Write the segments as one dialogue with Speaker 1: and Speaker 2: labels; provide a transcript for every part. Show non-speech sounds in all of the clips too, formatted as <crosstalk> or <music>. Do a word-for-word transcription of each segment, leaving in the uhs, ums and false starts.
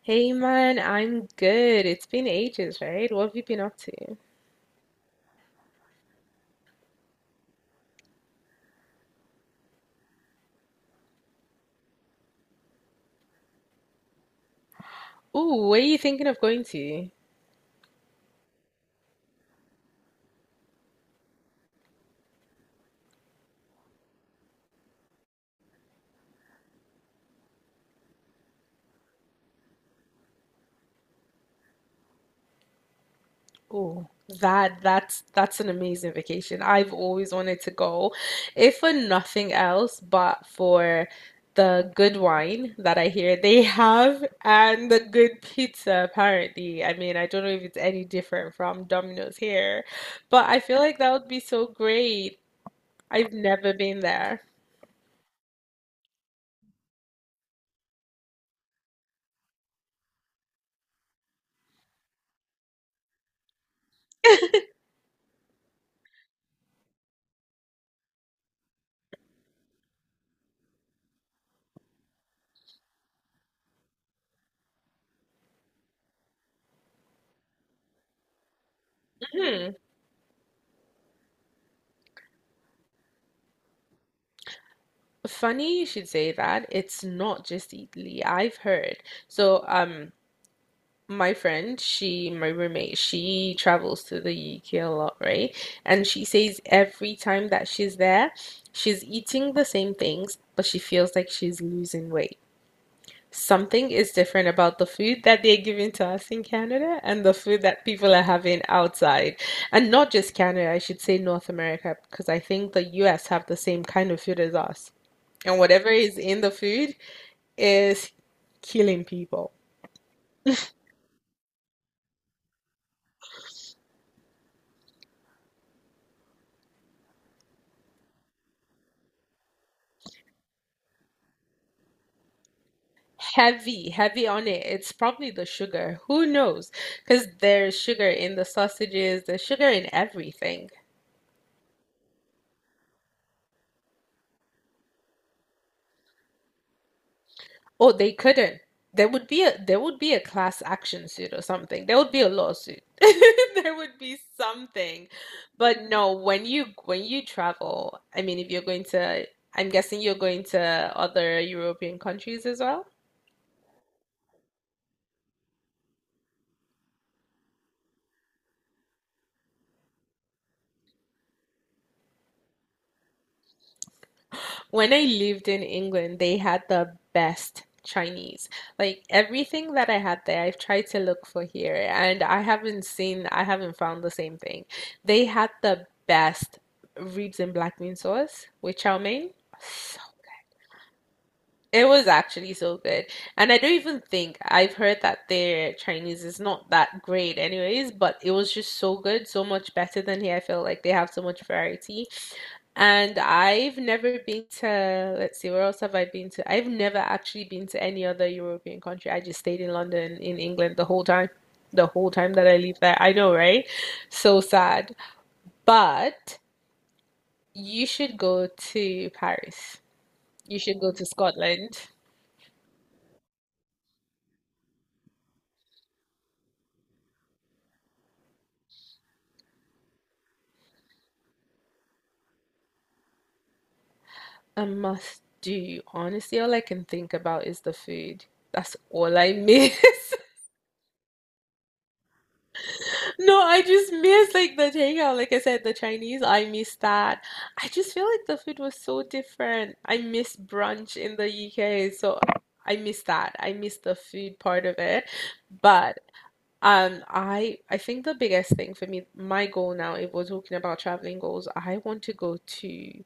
Speaker 1: Hey man, I'm good. It's been ages, right? What have you been up to? Ooh, where are you thinking of going to? Ooh, that that's that's an amazing vacation. I've always wanted to go, if for nothing else, but for the good wine that I hear they <laughs> have and the good pizza, apparently. I mean, I don't know if it's any different from Domino's here, but I feel like that would be so great. I've never been there. Funny you should say that. It's not just Italy. I've heard. So, um, my friend, she, my roommate, she travels to the U K a lot, right? And she says every time that she's there, she's eating the same things, but she feels like she's losing weight. Something is different about the food that they're giving to us in Canada and the food that people are having outside. And not just Canada, I should say North America, because I think the U S have the same kind of food as us and whatever is in the food is killing people. Heavy, heavy on it. It's probably the sugar. Who knows? Because there's sugar in the sausages, there's sugar in everything. Oh, they couldn't. There would be a there would be a class action suit or something. There would be a lawsuit. <laughs> There would be something. But no, when you when you travel, I mean, if you're going to, I'm guessing you're going to other European countries as well. When I lived in England, they had the best Chinese. Like everything that I had there, I've tried to look for here, and I haven't seen, I haven't found the same thing. They had the best ribs and black bean sauce with chow mein. So, it was actually so good. And I don't even think I've heard that their Chinese is not that great anyways, but it was just so good, so much better than here. I feel like they have so much variety and I've never been to, let's see, where else have I been to? I've never actually been to any other European country. I just stayed in London, in England the whole time, the whole time that I lived there. I know, right? So sad. But you should go to Paris. You should go to Scotland. A must do. Honestly, all I can think about is the food. That's all I miss. <laughs> No, I just miss like the takeout. Like I said, the Chinese, I miss that. I just feel like the food was so different. I miss brunch in the U K, so I miss that. I miss the food part of it. But um I I think the biggest thing for me, my goal now, if we're talking about traveling goals, I want to go to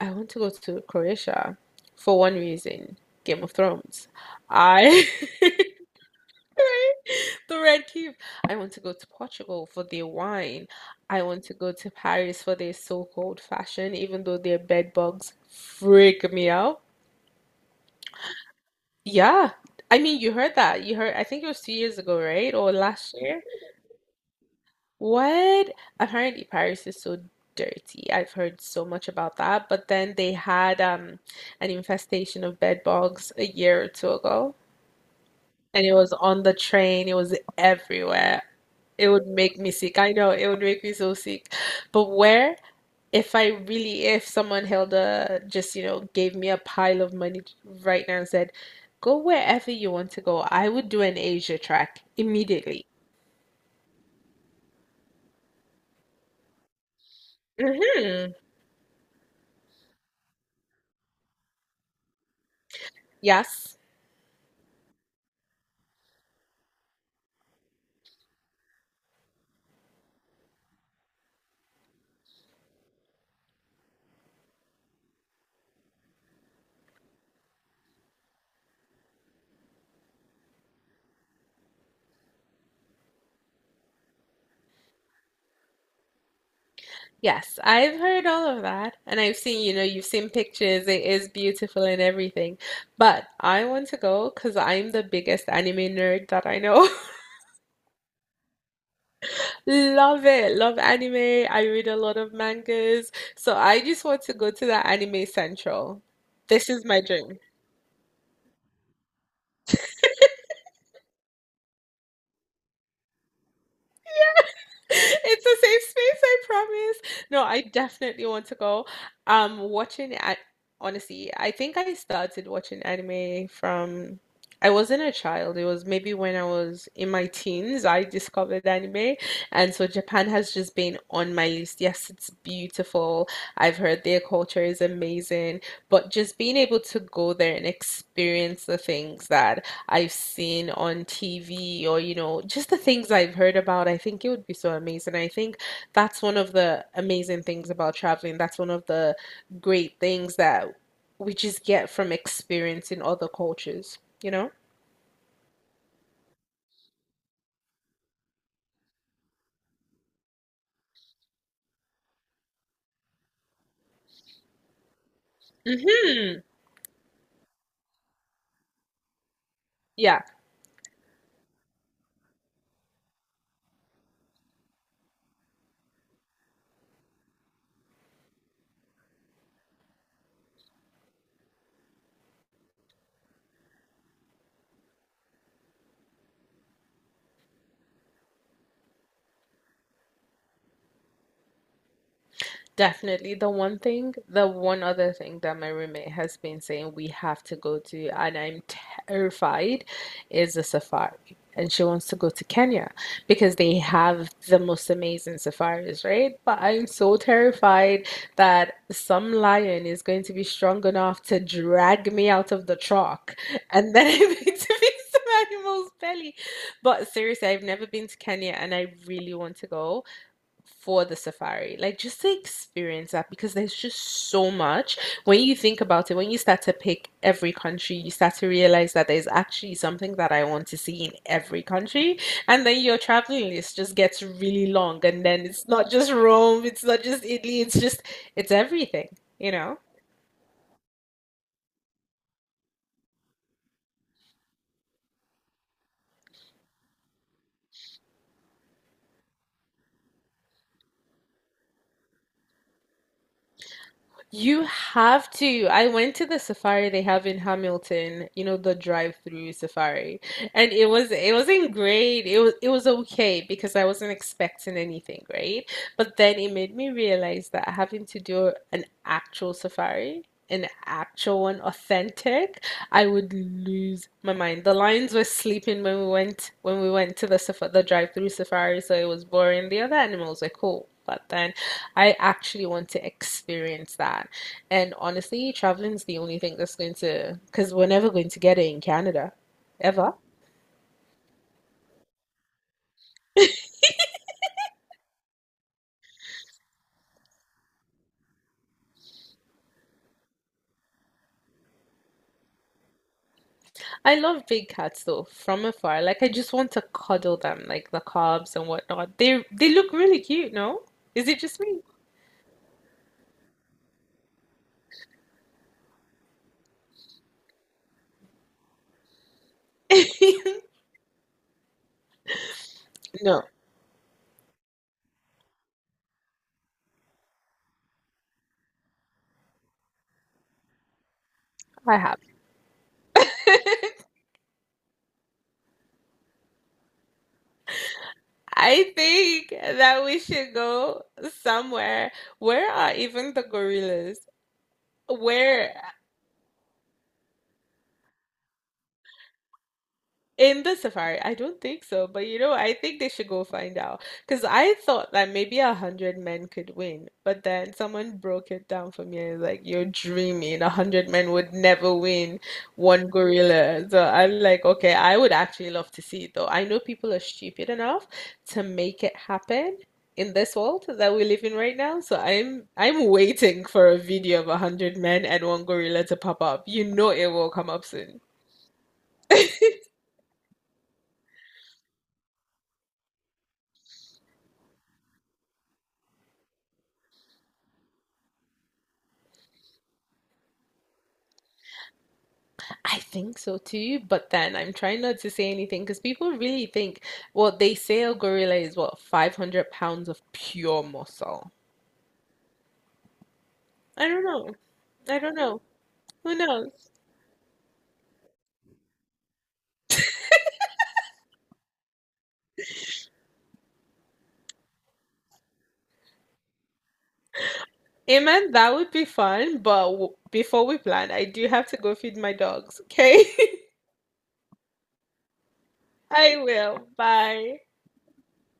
Speaker 1: I want to go to Croatia for one reason, Game of Thrones. I <laughs> <laughs> The red cube. I want to go to Portugal for their wine. I want to go to Paris for their so-called fashion, even though their bed bugs freak me out. Yeah. I mean, you heard that. You heard, I think it was two years ago, right? Or last year. What? Apparently, Paris is so dirty. I've heard so much about that. But then they had um an infestation of bed bugs a year or two ago. And it was on the train, it was everywhere. It would make me sick. I know it would make me so sick. But where if I really if someone held a just, you know, gave me a pile of money right now and said, "Go wherever you want to go." I would do an Asia track immediately. Hmm. Yes. Yes, I've heard all of that and I've seen, you know, you've seen pictures. It is beautiful and everything. But I want to go because 'cause I'm the biggest anime nerd that I know. <laughs> Love it. Love anime. I read a lot of mangas. So I just want to go to the anime central. This is my dream. It's a safe space, I promise. No, I definitely want to go. Um, watching at honestly, I think I started watching anime from I wasn't a child. It was maybe when I was in my teens I discovered anime, and so Japan has just been on my list. Yes, it's beautiful. I've heard their culture is amazing, but just being able to go there and experience the things that I've seen on T V or, you know, just the things I've heard about. I think it would be so amazing. I think that's one of the amazing things about traveling. That's one of the great things that we just get from experiencing other cultures, you know? Hmm. Yeah. Definitely. The one thing, the one other thing that my roommate has been saying we have to go to, and I'm terrified, is a safari. And she wants to go to Kenya because they have the most amazing safaris, right? But I'm so terrified that some lion is going to be strong enough to drag me out of the truck and then <laughs> I'm going to be some animal's belly. But seriously, I've never been to Kenya and I really want to go for the safari. Like just to experience that because there's just so much. When you think about it, when you start to pick every country, you start to realize that there's actually something that I want to see in every country. And then your traveling list just gets really long. And then it's not just Rome, it's not just Italy, it's just, it's everything, you know? You have to. I went to the safari they have in Hamilton, you know, the drive-through safari. And it was it wasn't great. It was it was okay because I wasn't expecting anything, right? But then it made me realize that having to do an actual safari an actual and authentic, I would lose my mind. The lions were sleeping when we went when we went to the safa- the drive-through safari, so it was boring. The other animals were cool, but then I actually want to experience that. And honestly, traveling's the only thing that's going to because we're never going to get it in Canada, ever. I love big cats though, from afar. Like I just want to cuddle them, like the cubs and whatnot. They they look really cute, no? Is it just me? <laughs> No, I have. I think that we should go somewhere. Where are even the gorillas? Where? In the safari, I don't think so, but you know, I think they should go find out. Because I thought that maybe a hundred men could win, but then someone broke it down for me and was like, you're dreaming. A hundred men would never win one gorilla. So I'm like, okay, I would actually love to see it though. I know people are stupid enough to make it happen in this world that we live in right now. So I'm I'm waiting for a video of a hundred men and one gorilla to pop up. You know it will come up soon. I think so too, but then I'm trying not to say anything because people really think, well, they say a gorilla is what, five hundred pounds of pure muscle. I don't know. I don't know. Who knows? Amen, that would be fun, but w before we plan, I do have to go feed my dogs, okay? <laughs> I will. Bye.